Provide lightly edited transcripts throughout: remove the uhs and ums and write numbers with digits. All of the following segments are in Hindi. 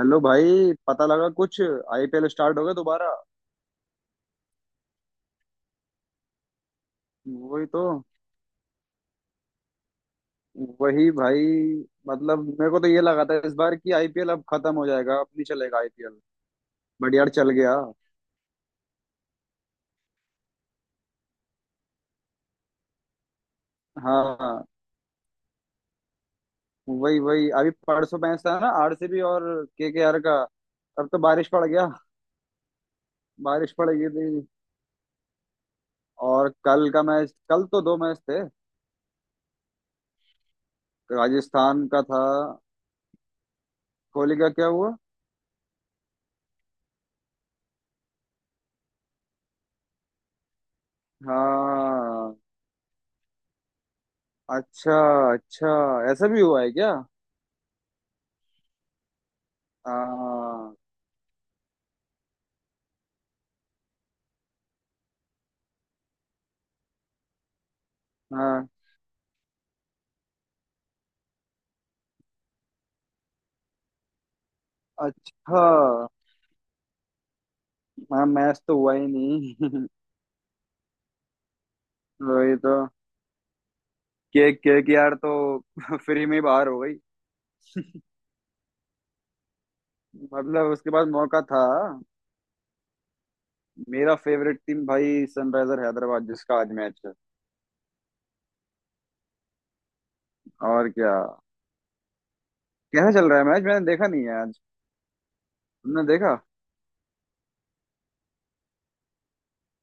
हेलो भाई पता लगा कुछ आईपीएल स्टार्ट हो गया दोबारा। वही तो। वही भाई। मतलब मेरे को तो ये लगा था इस बार कि आईपीएल अब खत्म हो जाएगा, अब नहीं चलेगा आईपीएल। बट यार चल गया। हाँ। वही वही अभी परसों मैच था ना, आरसीबी और केकेआर का। तब तो बारिश पड़ गया। बारिश पड़ गई थी। और कल का मैच, कल तो दो मैच थे। राजस्थान का था। कोहली का क्या हुआ? हाँ। अच्छा। अच्छा। ऐसा भी हुआ है क्या? हाँ। हाँ। अच्छा। हाँ मैच तो हुआ ही नहीं वही तो। केक केक यार तो फ्री में ही बाहर हो गई। मतलब उसके पास मौका था। मेरा फेवरेट टीम भाई सनराइजर हैदराबाद, जिसका आज मैच है। और क्या। कैसा चल रहा है मैच? मैंने देखा नहीं है आज। तुमने देखा?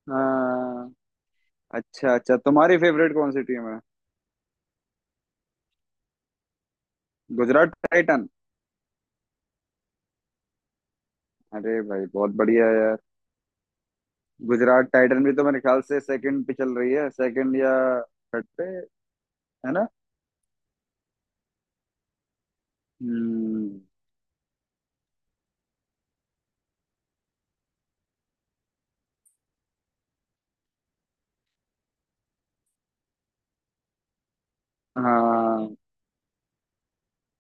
हाँ। अच्छा अच्छा। तुम्हारी फेवरेट कौन सी टीम है? गुजरात टाइटन? अरे भाई बहुत बढ़िया है यार। गुजरात टाइटन भी तो मेरे ख्याल से सेकंड पे चल रही है, सेकंड या थर्ड पे। है ना? हम्म। हाँ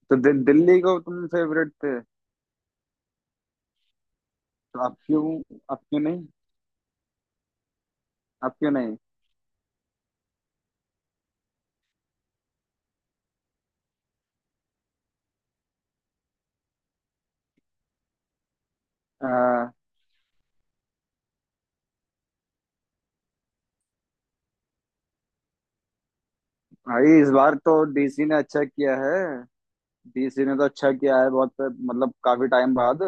तो दिल्ली को तुम फेवरेट थे? तो अब क्यों? अब क्यों नहीं? अब क्यों नहीं? आ, भाई इस बार तो डीसी ने अच्छा किया है। डीसी ने तो अच्छा किया है बहुत, मतलब काफी टाइम बाद।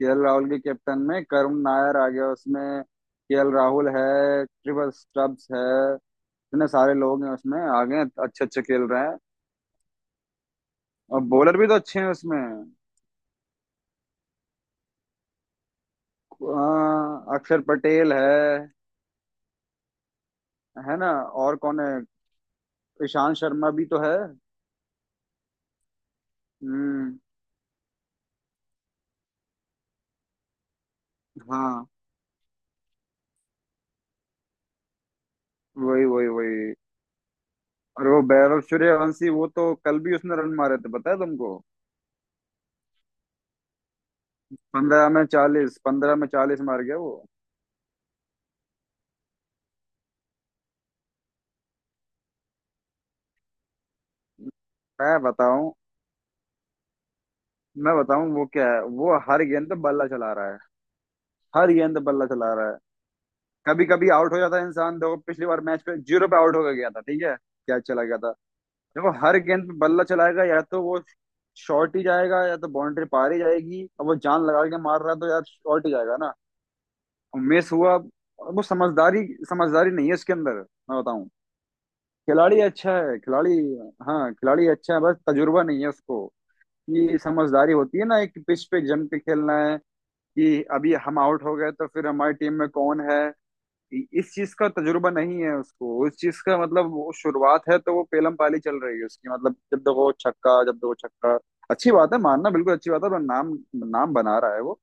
केएल राहुल के कैप्टन में करुण नायर आ गया उसमें, केएल राहुल है, ट्रिपल स्टब्स है, इतने सारे लोग हैं उसमें आ गए, अच्छे अच्छे खेल रहे हैं। और बॉलर भी तो अच्छे हैं उसमें। अक्षर पटेल है। है ना? और कौन है? ईशान शर्मा भी तो है। हम्म। हाँ वही वही वही। और वो वैभव सूर्यवंशी, वो तो कल भी उसने रन मारे थे, पता है तुमको? 15 में 40, 15 में चालीस मार गया वो। मैं बताऊं? मैं बताऊं वो क्या है, वो हर गेंद पे बल्ला चला रहा है। हर गेंद पे बल्ला चला रहा है। कभी कभी आउट हो जाता है इंसान, देखो पिछली बार मैच पे जीरो पे आउट होकर गया था, ठीक है? क्या चला गया था। देखो हर गेंद पे बल्ला चलाएगा, या तो वो शॉर्ट ही जाएगा या तो बाउंड्री पार ही जाएगी, अब वो जान लगा के मार रहा है तो यार शॉर्ट ही जाएगा ना। मिस हुआ। वो समझदारी, समझदारी नहीं है उसके अंदर। मैं बताऊं। खिलाड़ी अच्छा है, खिलाड़ी। हाँ खिलाड़ी अच्छा है, बस तजुर्बा नहीं है उसको। ये समझदारी होती है ना एक पिच पे जम के खेलना है, कि अभी हम आउट हो गए तो फिर हमारी टीम में कौन है। इस चीज का तजुर्बा नहीं है उसको, उस चीज का, मतलब वो शुरुआत है तो वो पेलम पाली चल रही है उसकी, मतलब जब देखो छक्का, जब देखो छक्का। अच्छी बात है, मानना, बिल्कुल अच्छी बात है और नाम नाम बना रहा है वो।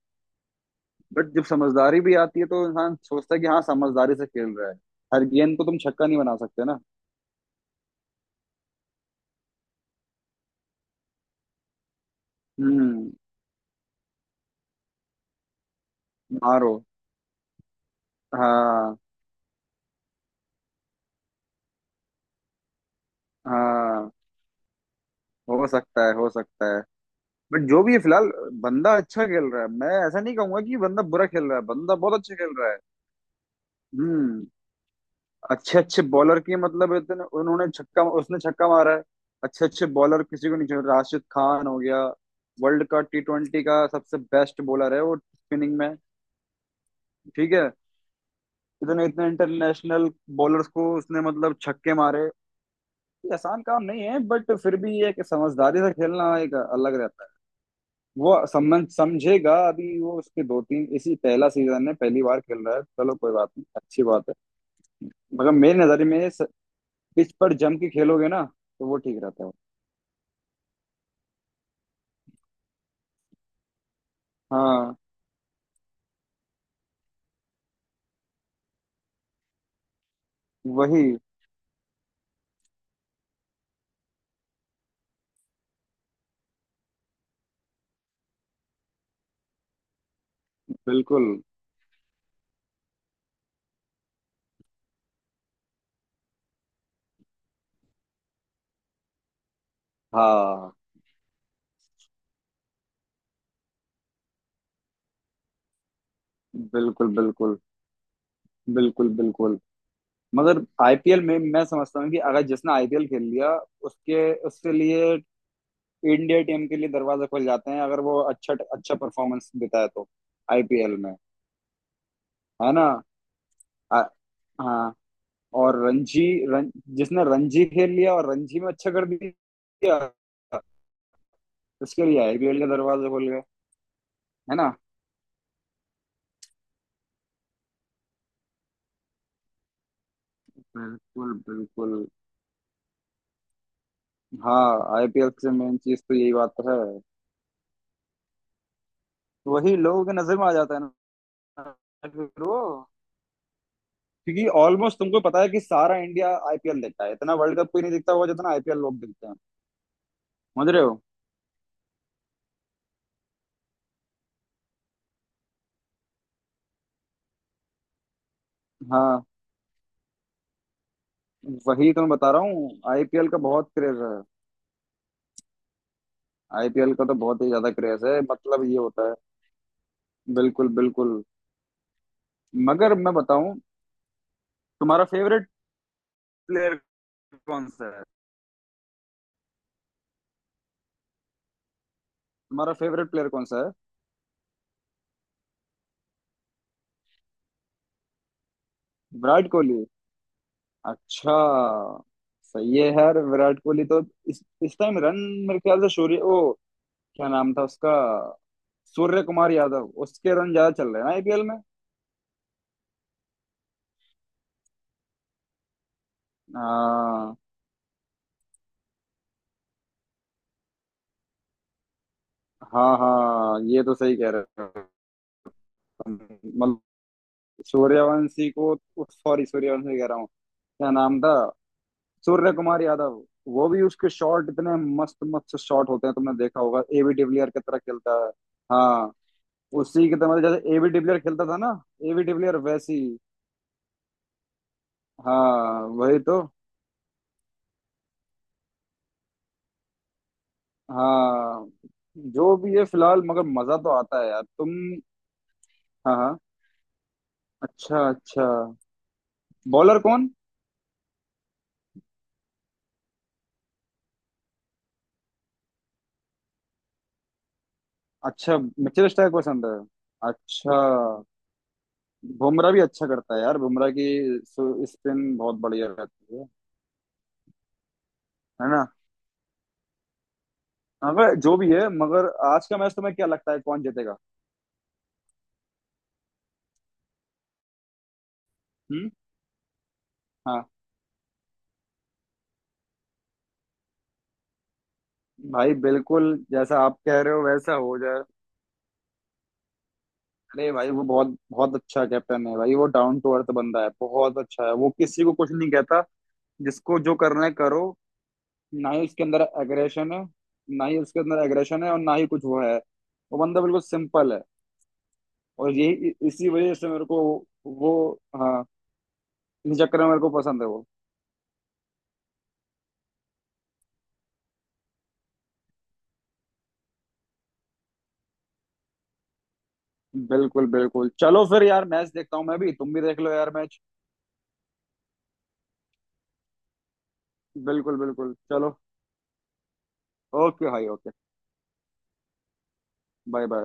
बट जब समझदारी भी आती है तो इंसान सोचता है कि हाँ समझदारी से खेल रहा है। हर गेंद को तुम छक्का नहीं बना सकते ना। हम्म। मारो। हाँ। हाँ हो सकता है, हो सकता है। बट जो भी है फिलहाल बंदा अच्छा खेल रहा है, मैं ऐसा नहीं कहूंगा कि बंदा बुरा खेल रहा है, बंदा बहुत अच्छा खेल रहा है। हम्म। अच्छे अच्छे बॉलर की, मतलब इतने उन्होंने छक्का, उसने छक्का मारा है, अच्छे अच्छे बॉलर किसी को नहीं छोड़, राशिद खान हो गया। वर्ल्ड का T20 का सबसे बेस्ट बॉलर है वो स्पिनिंग में। ठीक है। इतने इतने इंटरनेशनल बॉलर्स को उसने मतलब छक्के मारे। ये आसान काम नहीं है, बट फिर भी एक समझदारी से खेलना एक अलग रहता है। वो समझेगा अभी वो, उसके दो तीन इसी, पहला सीजन है, पहली बार खेल रहा है, चलो कोई बात नहीं, अच्छी बात है। मगर मेरी नजर में पिच पर जम के खेलोगे ना तो वो ठीक रहता है। हाँ वही। बिल्कुल। हाँ। बिल्कुल बिल्कुल बिल्कुल बिल्कुल। मगर आईपीएल में मैं समझता हूँ कि अगर जिसने आईपीएल खेल लिया उसके उसके लिए इंडिया टीम के लिए दरवाजे खुल जाते हैं, अगर वो अच्छा अच्छा परफॉर्मेंस देता है तो आईपीएल में। है ना? आ, हाँ। और रणजी, रण, जिसने रणजी खेल लिया और रणजी में अच्छा कर दिया, उसके लिए आईपीएल के दरवाजे खुल गए। है ना? बिल्कुल बिल्कुल। हाँ आईपीएल से मेन चीज तो यही बात तो है, वही लोगों के नजर में आ जाता है ना। फिर वो, क्योंकि ऑलमोस्ट तुमको पता है कि सारा इंडिया आईपीएल देखता है, इतना वर्ल्ड कप कोई नहीं देखता होगा जितना आईपीएल लोग देखते हैं। समझ रहे हो? हाँ वही तो मैं बता रहा हूँ, आईपीएल का बहुत क्रेज है। आईपीएल का तो बहुत ही ज्यादा क्रेज है, मतलब ये होता है। बिल्कुल बिल्कुल। मगर मैं बताऊं, तुम्हारा फेवरेट प्लेयर कौन सा है? तुम्हारा फेवरेट प्लेयर कौन सा है? विराट कोहली? अच्छा। सही है यार, विराट कोहली तो। इस टाइम रन मेरे ख्याल से सूर्य ओ क्या नाम था उसका, सूर्य कुमार यादव, उसके रन ज्यादा चल रहे हैं आईपीएल में। हाँ हाँ हाँ, ये तो सही कह रहे हो तुम। सूर्यवंशी को, सॉरी, सूर्यवंशी कह रहा हूँ, क्या नाम था? सूर्य कुमार यादव। वो भी उसके शॉट इतने मस्त मस्त शॉट होते हैं, तुमने देखा होगा, एबी डिविलियर की तरह खेलता है। हाँ उसी की तरह, मतलब जैसे एबी डिविलियर खेलता था ना, एबी डिविलियर वैसी। हाँ वही तो। हाँ जो भी है फिलहाल, मगर मजा तो आता है यार तुम। हाँ हाँ। अच्छा अच्छा। बॉलर कौन? अच्छा। मिचेल स्टार्क पसंद है? अच्छा। बुमराह भी अच्छा करता है यार, बुमराह की स्पिन बहुत बढ़िया रहती है। है ना? मगर जो भी है, मगर आज का मैच तुम्हें क्या लगता है कौन जीतेगा? हम्म। हाँ। भाई बिल्कुल जैसा आप कह रहे हो वैसा हो जाए। अरे भाई वो बहुत बहुत अच्छा कैप्टन है भाई, वो डाउन टू अर्थ बंदा है, बहुत अच्छा है वो, किसी को कुछ नहीं कहता, जिसको जो करना है करो। ना ही उसके अंदर एग्रेशन है, ना ही उसके अंदर एग्रेशन है और ना ही कुछ वो है। वो बंदा बिल्कुल सिंपल है। और यही इसी वजह से मेरे को वो, हाँ, इस चक्कर में मेरे को पसंद है वो। बिल्कुल बिल्कुल, चलो फिर यार मैच देखता हूँ मैं भी, तुम भी देख लो यार मैच। बिल्कुल बिल्कुल। चलो। ओके भाई ओके। Bye bye.